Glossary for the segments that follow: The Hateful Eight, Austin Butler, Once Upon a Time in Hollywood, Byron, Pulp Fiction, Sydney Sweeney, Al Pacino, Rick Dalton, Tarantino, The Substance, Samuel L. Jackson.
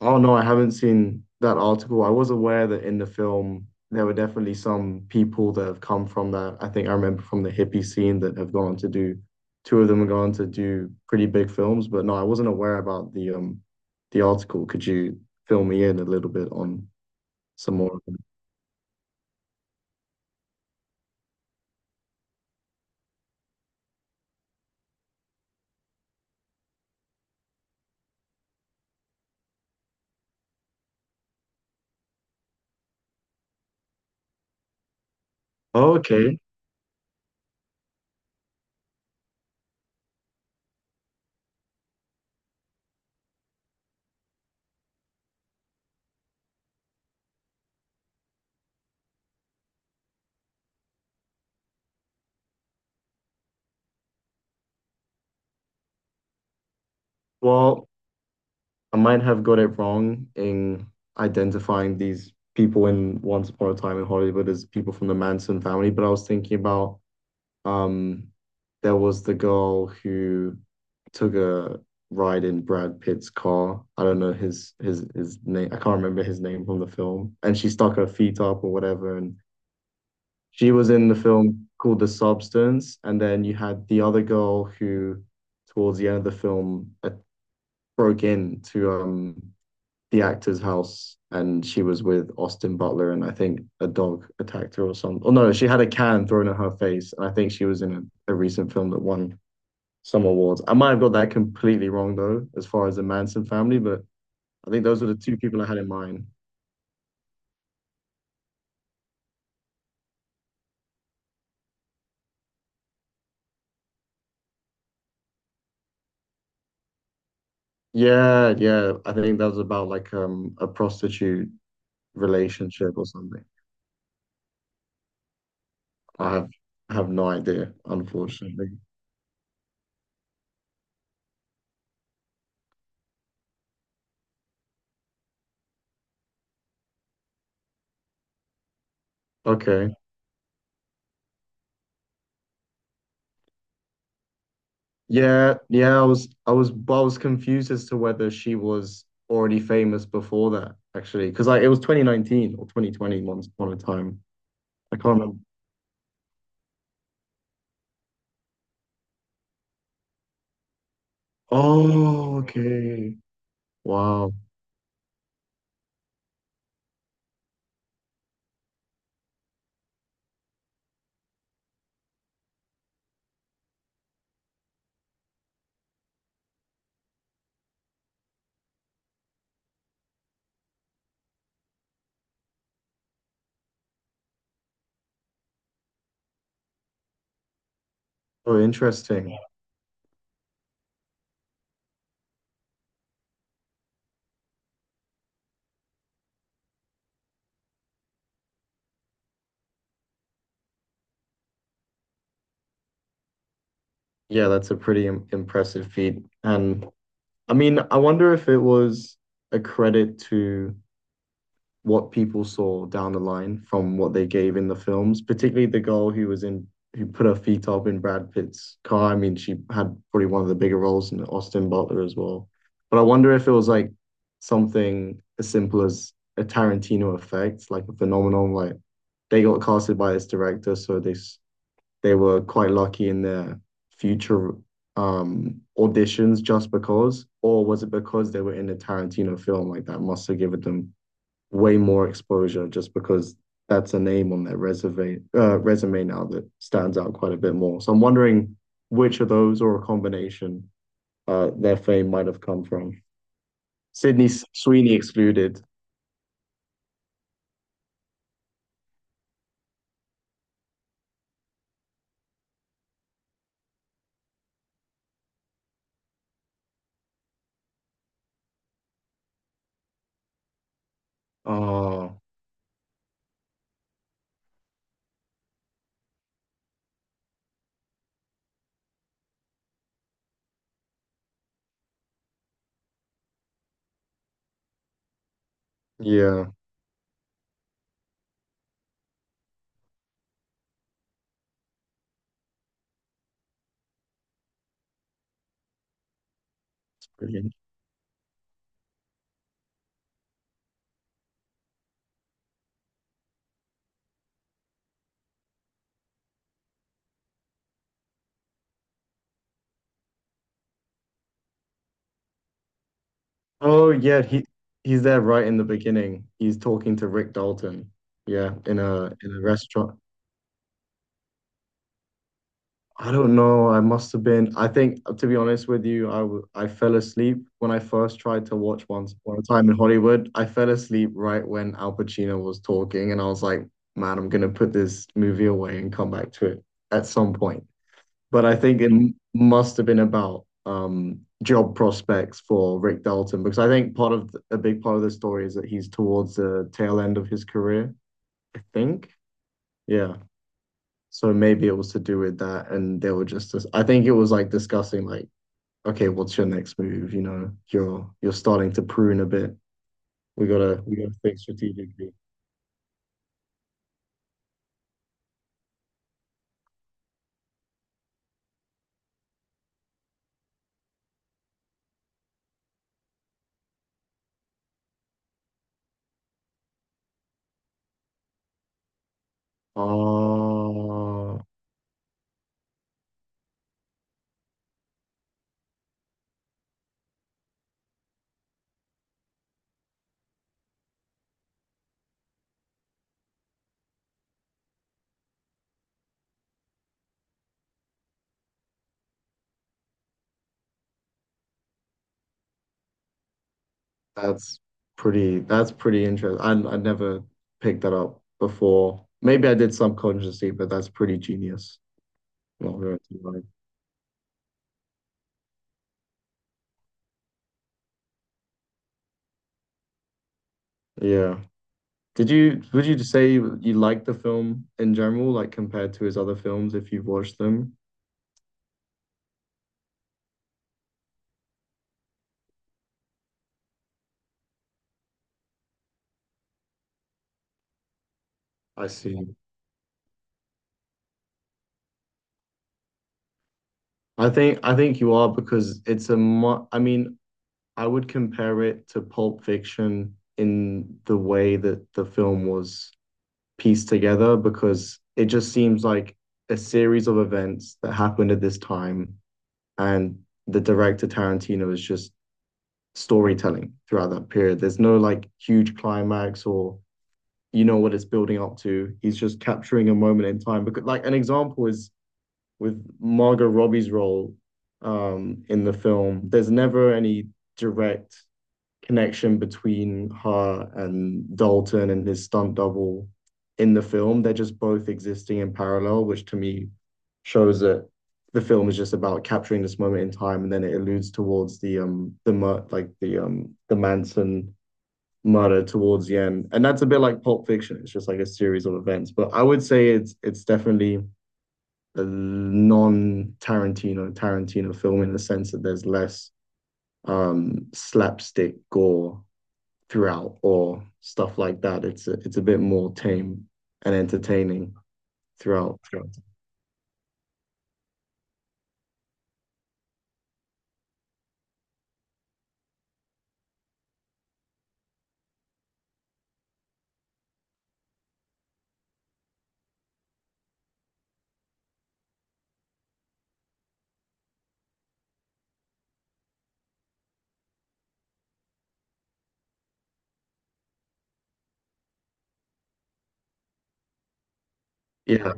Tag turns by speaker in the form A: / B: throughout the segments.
A: Oh no, I haven't seen that article. I was aware that in the film there were definitely some people that have come from that. I think I remember from the hippie scene that have gone to do two of them have gone to do pretty big films, but no, I wasn't aware about the the article. Could you fill me in a little bit on some more of them? Okay. Well, I might have got it wrong in identifying these people in Once Upon a Time in Hollywood as people from the Manson family, but I was thinking about Um, there was the girl who took a ride in Brad Pitt's car. I don't know his name. I can't remember his name from the film. And she stuck her feet up or whatever. And she was in the film called The Substance. And then you had the other girl who, towards the end of the film, broke into the actor's house and she was with Austin Butler and I think a dog attacked her or something. Oh no, she had a can thrown in her face and I think she was in a recent film that won some awards. I might have got that completely wrong though, as far as the Manson family, but I think those were the two people I had in mind. Yeah, yeah. I think that was about like a prostitute relationship or something. I have I have no idea, unfortunately. Okay. Yeah, yeah, I was confused as to whether she was already famous before that, actually. Because like it was 2019 or 2020 once upon a time. I can't remember. Oh, okay. Wow. Oh, interesting. Yeah, that's a pretty im impressive feat. And I mean, I wonder if it was a credit to what people saw down the line from what they gave in the films, particularly the girl who was in who put her feet up in Brad Pitt's car. I mean, she had probably one of the bigger roles in Austin Butler as well. But I wonder if it was like something as simple as a Tarantino effect, like a phenomenon like they got casted by this director, so they were quite lucky in their future auditions just because, or was it because they were in a Tarantino film like that must have given them way more exposure just because that's a name on their resume now that stands out quite a bit more. So I'm wondering which of those or a combination their fame might have come from. Sydney Sweeney excluded. Oh, yeah. That's Brilliant. Oh, yeah. He's there right in the beginning. He's talking to Rick Dalton. Yeah, in a restaurant. I don't know. I must have been. I think, to be honest with you, I fell asleep when I first tried to watch Once Upon a Time in Hollywood. I fell asleep right when Al Pacino was talking, and I was like, man, I'm gonna put this movie away and come back to it at some point. But I think it must have been about job prospects for Rick Dalton because I think a big part of the story is that he's towards the tail end of his career, I think. Yeah. So maybe it was to do with that, and I think it was like discussing like, okay, what's your next move? You know, you're starting to prune a bit. We gotta think strategically. Oh, that's that's pretty interesting. I never picked that up before. Maybe I did subconsciously, but that's pretty genius. Not really like, yeah. Did you Would you say you like the film in general, like compared to his other films if you've watched them? I see. I think you are because it's a mu I mean, I would compare it to Pulp Fiction in the way that the film was pieced together because it just seems like a series of events that happened at this time and the director Tarantino is just storytelling throughout that period. There's no like huge climax or you know what it's building up to. He's just capturing a moment in time because like an example is with Margot Robbie's role in the film, there's never any direct connection between her and Dalton and his stunt double in the film. They're just both existing in parallel, which to me shows that the film is just about capturing this moment in time, and then it alludes towards the Manson murder towards the end, and that's a bit like Pulp Fiction. It's just like a series of events, but I would say it's definitely a non-Tarantino Tarantino film in the sense that there's less slapstick gore throughout or stuff like that. It's a bit more tame and entertaining throughout. Yeah,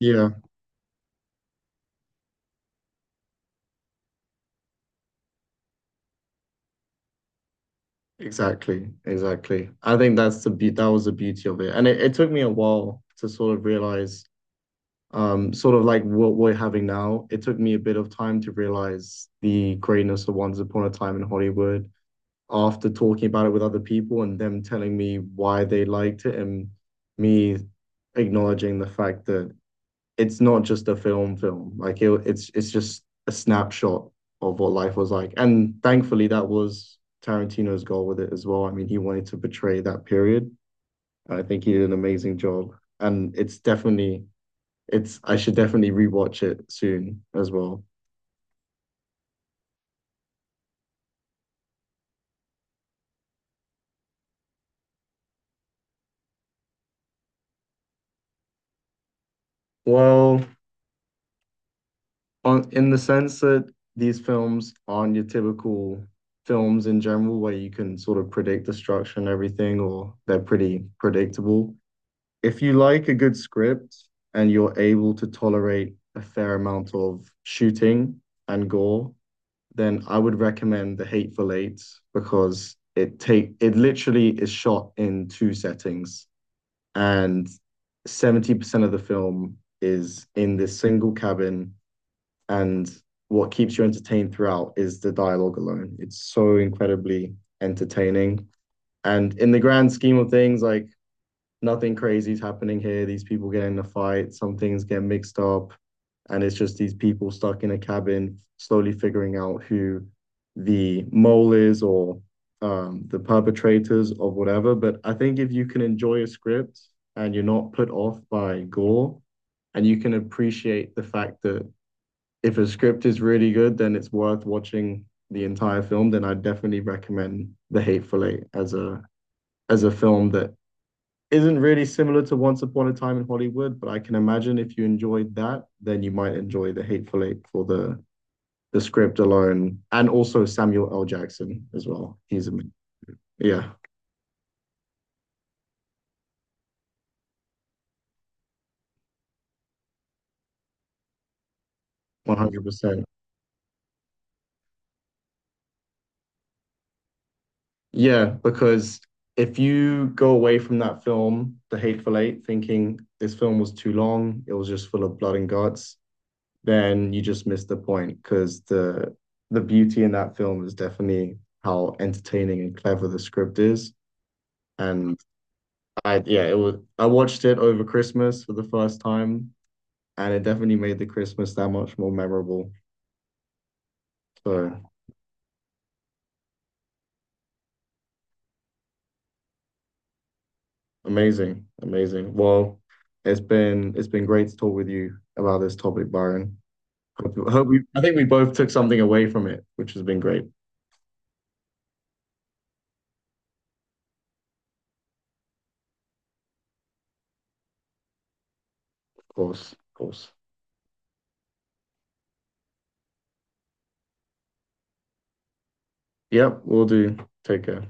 A: yeah, exactly, exactly. I think that was the beauty of it, and it took me a while to sort of realize, sort of like what we're having now. It took me a bit of time to realize the greatness of Once Upon a Time in Hollywood after talking about it with other people and them telling me why they liked it and me acknowledging the fact that it's not just a film film like it's just a snapshot of what life was like, and thankfully that was Tarantino's goal with it as well. I mean, he wanted to portray that period. I think he did an amazing job, and it's definitely it's I should definitely rewatch it soon as well. Well, on in the sense that these films aren't your typical films in general where you can sort of predict the structure and everything or they're pretty predictable. If you like a good script and you're able to tolerate a fair amount of shooting and gore, then I would recommend The Hateful Eight because it literally is shot in two settings, and 70% of the film is in this single cabin, and what keeps you entertained throughout is the dialogue alone. It's so incredibly entertaining. And in the grand scheme of things, like nothing crazy is happening here. These people get in a fight, some things get mixed up, and it's just these people stuck in a cabin, slowly figuring out who the mole is, or the perpetrators of whatever. But I think if you can enjoy a script and you're not put off by gore, and you can appreciate the fact that if a script is really good, then it's worth watching the entire film, then I definitely recommend The Hateful Eight as a film that isn't really similar to Once Upon a Time in Hollywood, but I can imagine if you enjoyed that, then you might enjoy The Hateful Eight for the script alone, and also Samuel L. Jackson as well. He's amazing. Yeah, 100%. Yeah, because if you go away from that film, The Hateful Eight, thinking this film was too long, it was just full of blood and guts, then you just miss the point because the beauty in that film is definitely how entertaining and clever the script is. And I, yeah, it was, I watched it over Christmas for the first time, and it definitely made the Christmas that much more memorable. So amazing, amazing. Well, it's been great to talk with you about this topic, Byron. Hope, hope we I think we both took something away from it, which has been great. Of course, of course. Yep, we'll do. Take care.